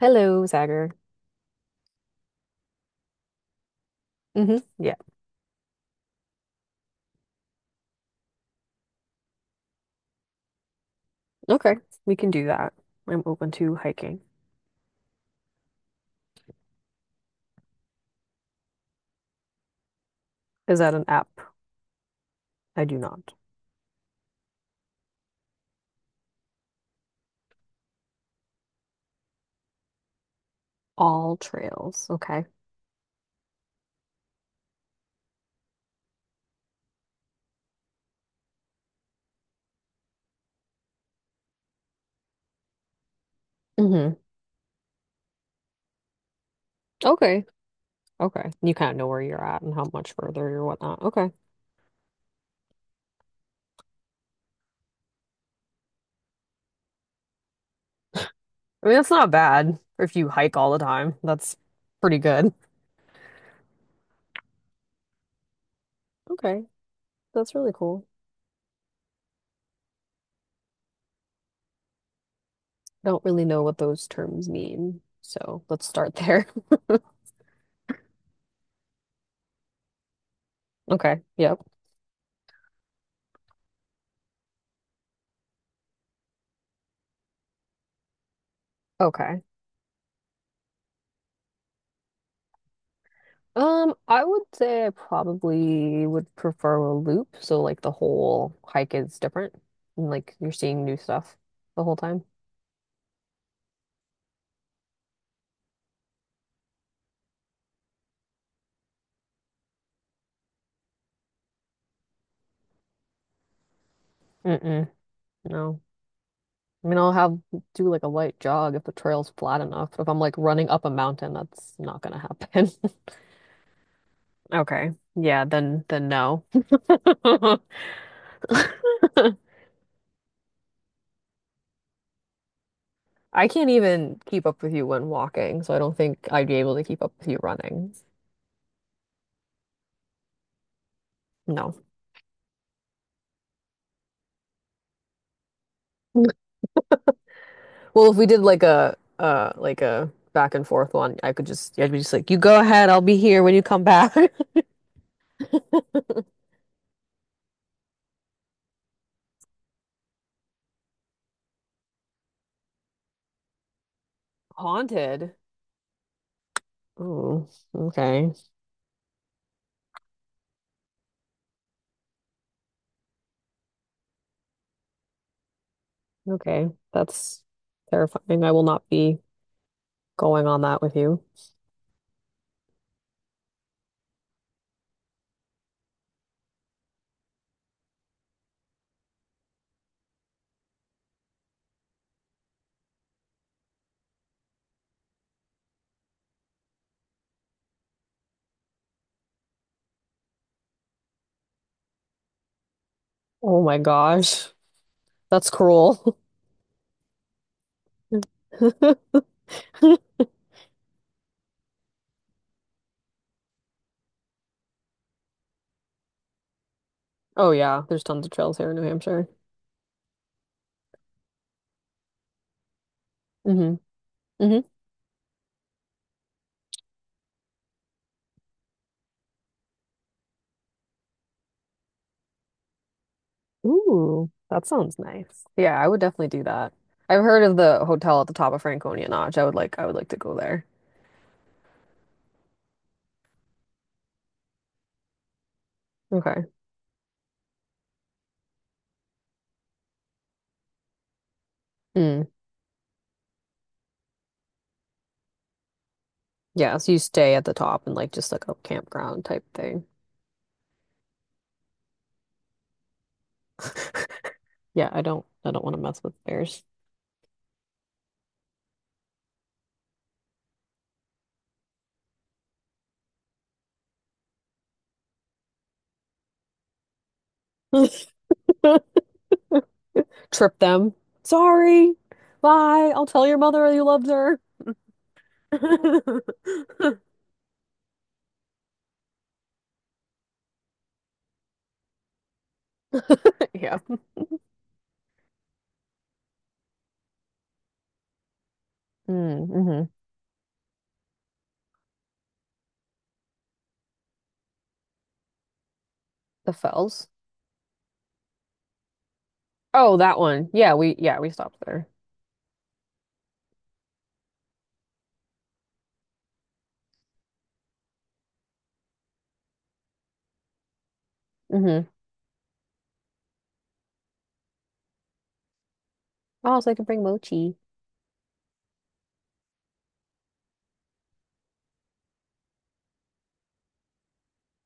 Hello, Zagger. Hmm. Yeah, okay, we can do that. I'm open to hiking. Is that an app? I do not. All trails. Okay. Hmm. Okay, okay. You kind of know where you're at and how much further you're whatnot. Okay. I mean, that's not bad if you hike all the time. That's pretty good. Okay. That's really cool. Don't really know what those terms mean. So let's start there. Okay. Yep. Okay. I would say I probably would prefer a loop, so like the whole hike is different, and like you're seeing new stuff the whole time. Mm-mm, no. I mean, I'll have do like a light jog if the trail's flat enough. But if I'm like running up a mountain, that's not gonna happen. Okay. Yeah, then no. I can't even keep up with you when walking, so I don't think I'd be able to keep up with you running. No. Well, if we did like a back and forth one, I'd be just like, you go ahead, I'll be here when you come back. Haunted. Ooh, okay. Okay. That's terrifying. I will not be going on that with you. Oh my gosh. That's cruel. Oh yeah, there's tons of trails here in New Hampshire. Hmm. Hmm. Ooh, that sounds nice. Yeah, I would definitely do that. I've heard of the hotel at the top of Franconia Notch. I would like to go there. Okay. Mm. Yeah, so you stay at the top and like just like a campground type thing. Yeah, I don't want to mess with bears. Trip them. Sorry. Bye. I'll tell your mother you loved her. Yeah. Mm. Mm-hmm. The Fells. Oh, that one. Yeah, we stopped there. Mm-hmm. Oh, so I can bring Mochi.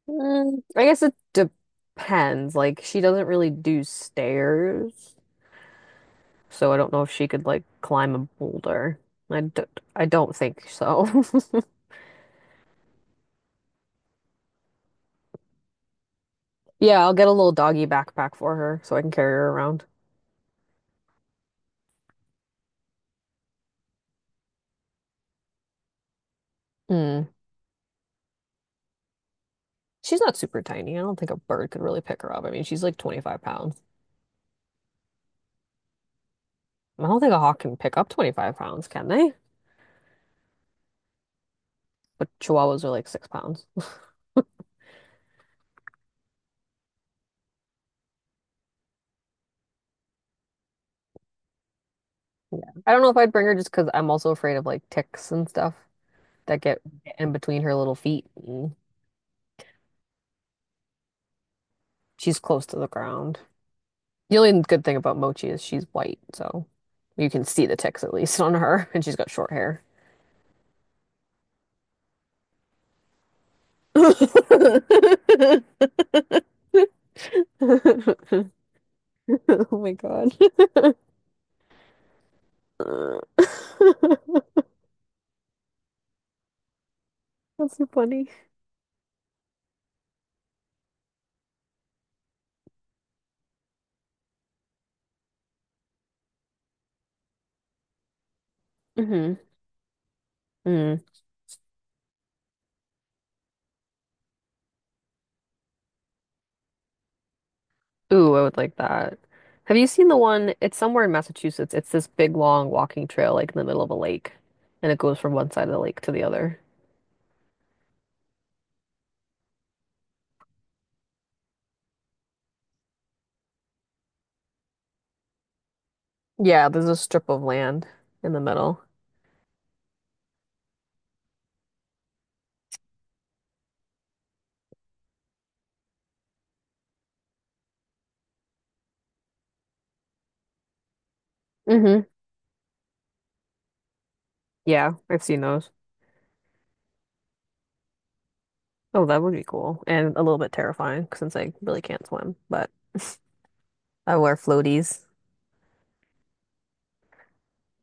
Mm, I guess it depends. Like she doesn't really do stairs, so I don't know if she could like climb a boulder. I d I don't think so. Yeah, I'll get a little doggy backpack for her so I can carry her around. Mm. She's not super tiny. I don't think a bird could really pick her up. I mean, she's like 25 pounds. I don't think a hawk can pick up 25 pounds, can they? But chihuahuas are like 6 pounds. Yeah. I don't know if I'd bring her just because I'm also afraid of like ticks and stuff that get in between her little feet. And she's close to the ground. The only good thing about Mochi is she's white, so you can see the ticks at least on her, and she's got short hair. Oh my God. That's so funny. Hmm. Mm. Ooh, I would like that. Have you seen the one? It's somewhere in Massachusetts. It's this big long walking trail like in the middle of a lake and it goes from one side of the lake to the other. Yeah, there's a strip of land in the middle. Hmm. Yeah, I've seen those. Oh, that would be cool and a little bit terrifying since I really can't swim, but I wear floaties.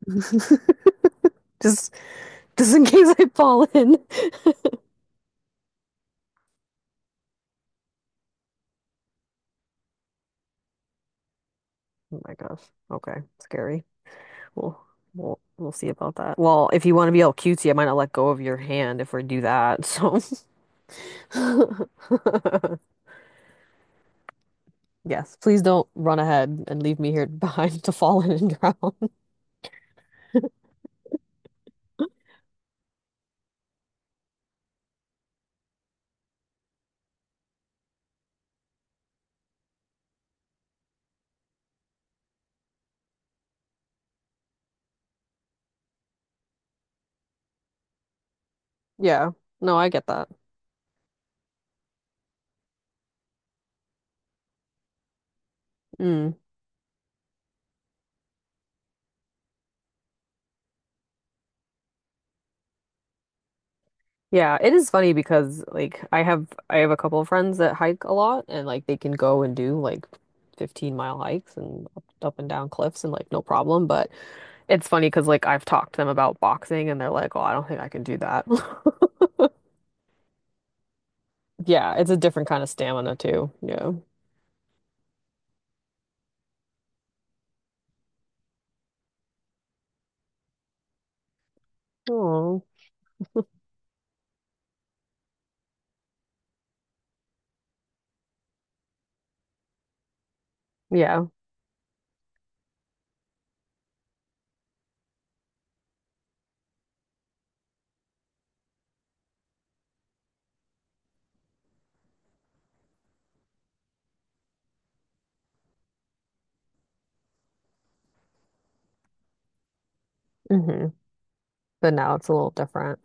Just just in case I fall in. Oh my gosh. Okay. Scary. We'll we'll see about that. Well, if you want to be all cutesy, I might not let go of your hand if we do that. So yes, please don't run ahead and leave me here behind to fall in and drown. Yeah. No, I get that. Mm. Yeah, it is funny because like I have a couple of friends that hike a lot and like they can go and do like 15-mile hikes and up, up and down cliffs and like no problem, but it's funny because like I've talked to them about boxing and they're like, "Oh, I don't think I can do that." Yeah, it's a different kind of stamina too. Yeah. Oh, yeah. Hmm. But now it's a little different.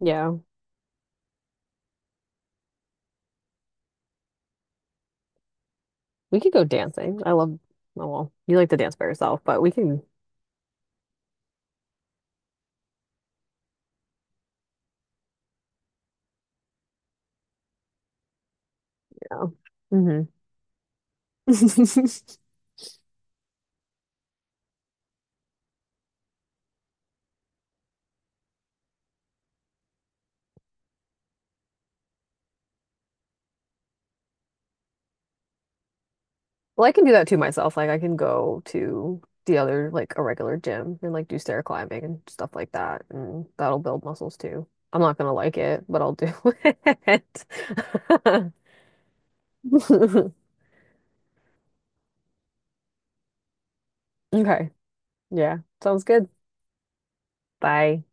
Yeah. We could go dancing. I love, oh, well, you like to dance by yourself, but we can, yeah. Hmm. Well, I can do that to myself. Like I can go to the other like a regular gym and like do stair climbing and stuff like that, and that'll build muscles too. I'm not gonna like it, but I'll do it. Okay. Yeah. Sounds good. Bye.